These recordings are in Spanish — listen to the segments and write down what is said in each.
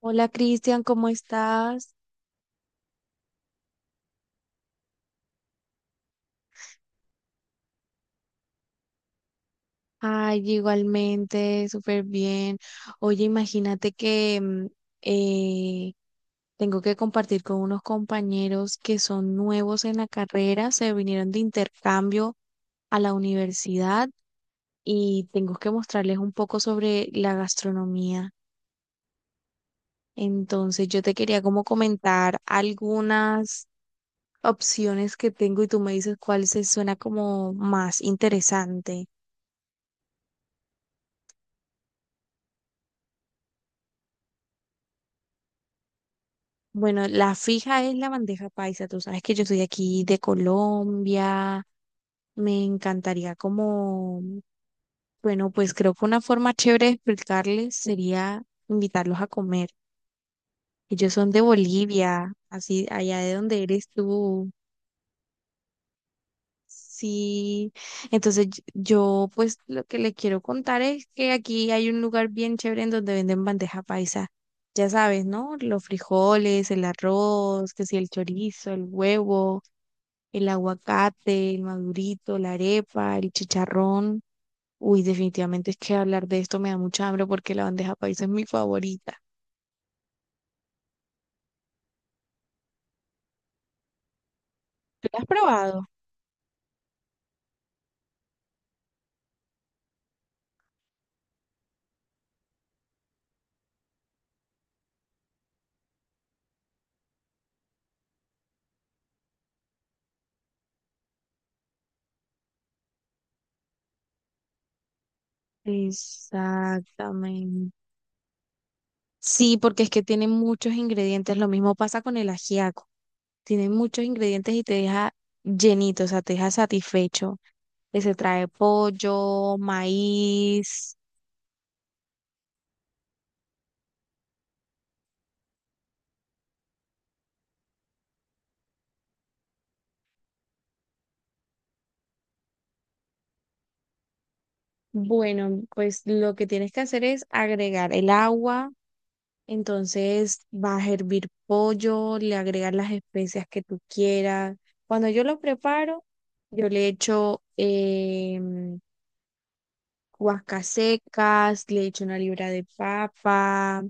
Hola Cristian, ¿cómo estás? Ay, igualmente, súper bien. Oye, imagínate que eh, tengo que compartir con unos compañeros que son nuevos en la carrera, se vinieron de intercambio a la universidad y tengo que mostrarles un poco sobre la gastronomía. Entonces, yo te quería como comentar algunas opciones que tengo y tú me dices cuál se suena como más interesante. Bueno, la fija es la bandeja paisa. Tú sabes que yo soy de aquí de Colombia. Me encantaría como, bueno, pues creo que una forma chévere de explicarles sería invitarlos a comer. Ellos son de Bolivia, así allá de donde eres tú. Sí, entonces yo pues lo que le quiero contar es que aquí hay un lugar bien chévere en donde venden bandeja paisa. Ya sabes, ¿no? Los frijoles, el arroz, que si el chorizo, el huevo, el aguacate, el madurito, la arepa, el chicharrón. Uy, definitivamente es que hablar de esto me da mucha hambre porque la bandeja paisa es mi favorita. ¿Tú la has probado? Exactamente. Sí, porque es que tiene muchos ingredientes. Lo mismo pasa con el ajiaco. Tiene muchos ingredientes y te deja llenito, o sea, te deja satisfecho. Que se trae pollo, maíz. Bueno, pues lo que tienes que hacer es agregar el agua. Entonces vas a hervir pollo, le agregas las especias que tú quieras. Cuando yo lo preparo, yo le echo guascas secas, le echo una libra de papa,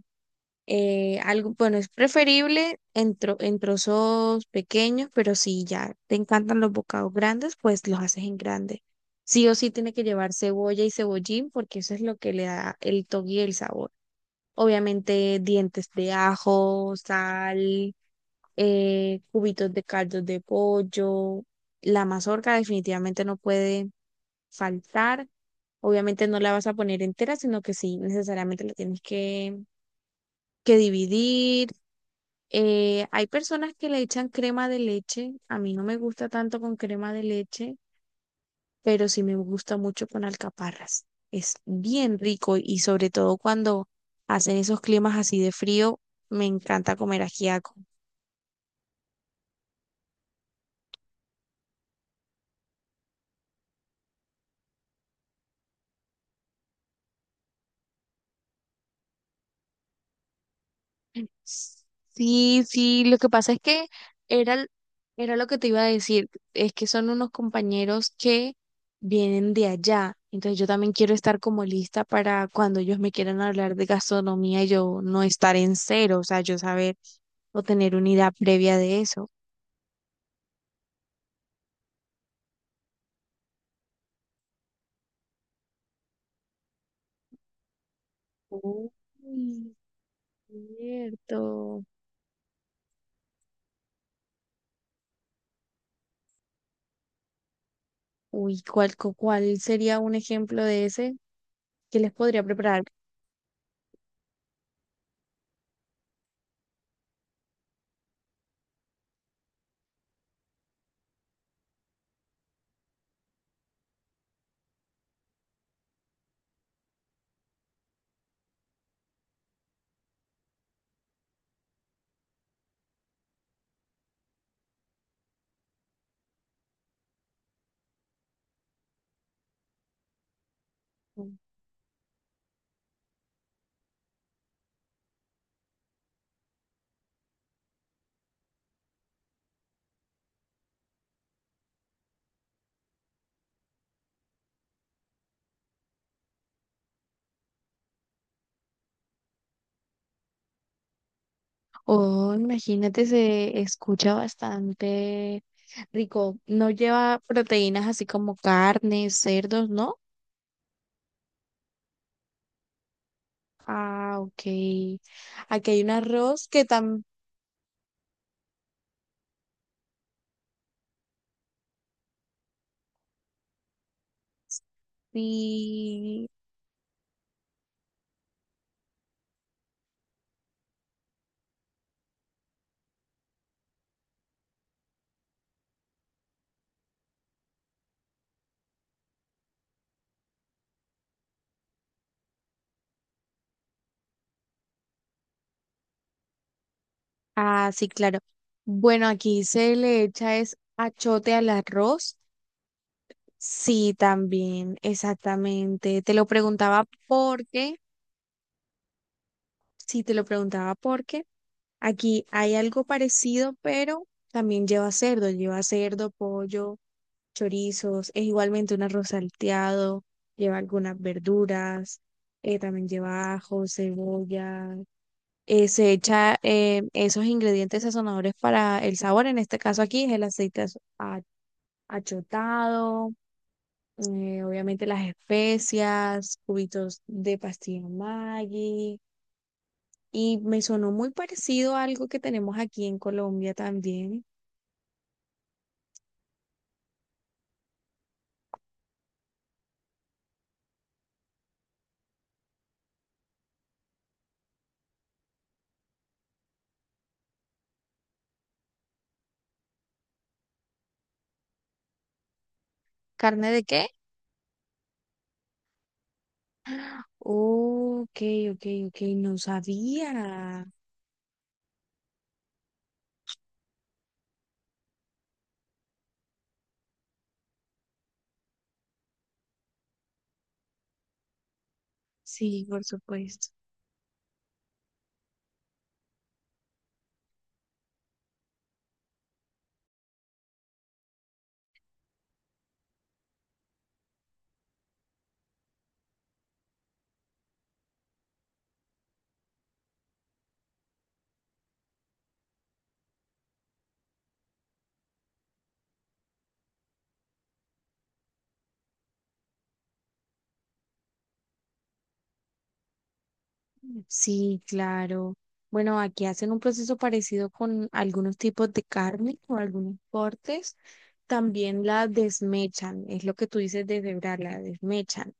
algo, bueno, es preferible en, en trozos pequeños, pero si ya te encantan los bocados grandes, pues los haces en grande. Sí o sí tiene que llevar cebolla y cebollín porque eso es lo que le da el toque y el sabor. Obviamente dientes de ajo, sal, cubitos de caldo de pollo. La mazorca definitivamente no puede faltar. Obviamente no la vas a poner entera, sino que sí, necesariamente que dividir. Hay personas que le echan crema de leche. A mí no me gusta tanto con crema de leche, pero sí me gusta mucho con alcaparras. Es bien rico y sobre todo cuando hacen esos climas así de frío, me encanta comer ajiaco. Sí, sí, lo que pasa es que era, era lo que te iba a decir, es que son unos compañeros que vienen de allá, entonces yo también quiero estar como lista para cuando ellos me quieran hablar de gastronomía, yo no estar en cero, o sea, yo saber o tener una idea previa de eso. Uy, cierto. Uy, ¿cuál sería un ejemplo de ese? ¿Qué les podría preparar? Oh, imagínate, se escucha bastante rico. No lleva proteínas así como carnes, cerdos, ¿no? Ah, ok. Aquí hay un arroz que también... Ah, sí, claro. Bueno, aquí se le echa es achote al arroz. Sí, también, exactamente. Te lo preguntaba porque, sí, te lo preguntaba porque aquí hay algo parecido, pero también lleva cerdo, pollo, chorizos, es igualmente un arroz salteado, lleva algunas verduras, también lleva ajo, cebolla, se echa esos ingredientes sazonadores para el sabor, en este caso aquí es el aceite achotado, obviamente las especias, cubitos de pastilla Maggi, y me sonó muy parecido a algo que tenemos aquí en Colombia también. ¿Carne de qué? Ok, ok, no sabía. Sí, por supuesto. Sí, claro. Bueno, aquí hacen un proceso parecido con algunos tipos de carne o algunos cortes. También la desmechan, es lo que tú dices de deshebrarla, la desmechan.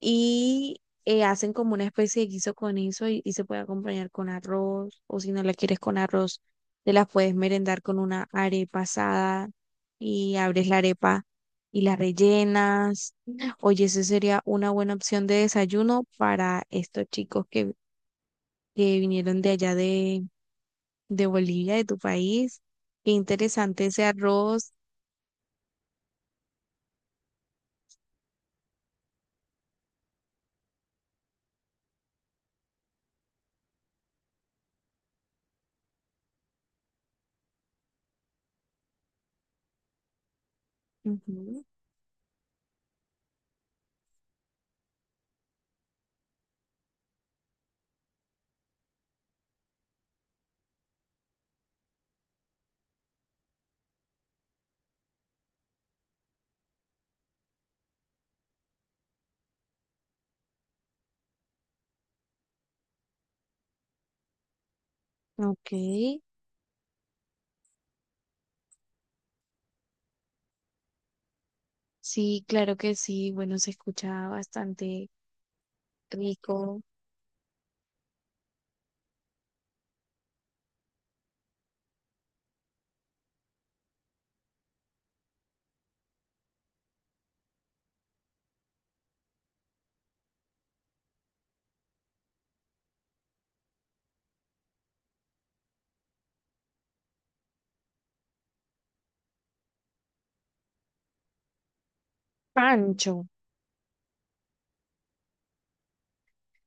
Y hacen como una especie de guiso con eso y se puede acompañar con arroz o si no la quieres con arroz, te la puedes merendar con una arepa asada y abres la arepa y la rellenas. Oye, esa sería una buena opción de desayuno para estos chicos que vinieron de allá de Bolivia, de tu país. Qué interesante ese arroz. Ujú. Ok, sí, claro que sí. Bueno, se escucha bastante rico. Pancho.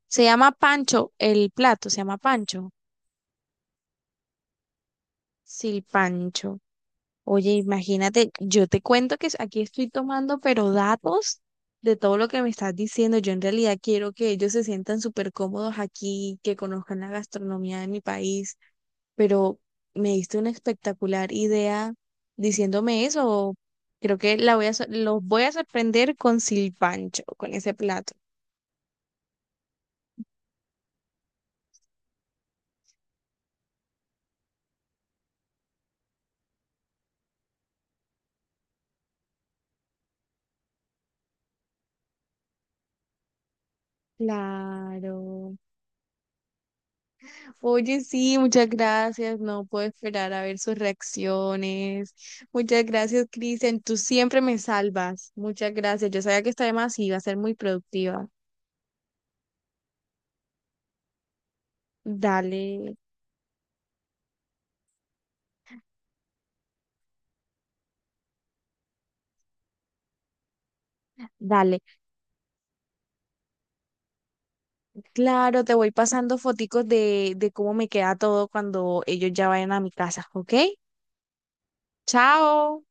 Se llama Pancho, el plato se llama Pancho. Sí, Pancho. Oye, imagínate, yo te cuento que aquí estoy tomando, pero datos de todo lo que me estás diciendo. Yo en realidad quiero que ellos se sientan súper cómodos aquí, que conozcan la gastronomía de mi país, pero me diste una espectacular idea diciéndome eso. Creo que la voy a, sor- los voy a sorprender con Silpancho, con ese plato. Claro. Oye, sí, muchas gracias. No puedo esperar a ver sus reacciones. Muchas gracias, Cristian. Tú siempre me salvas. Muchas gracias. Yo sabía que esta demás iba a ser muy productiva. Dale, dale. Claro, te voy pasando foticos de cómo me queda todo cuando ellos ya vayan a mi casa, ¿ok? Chao.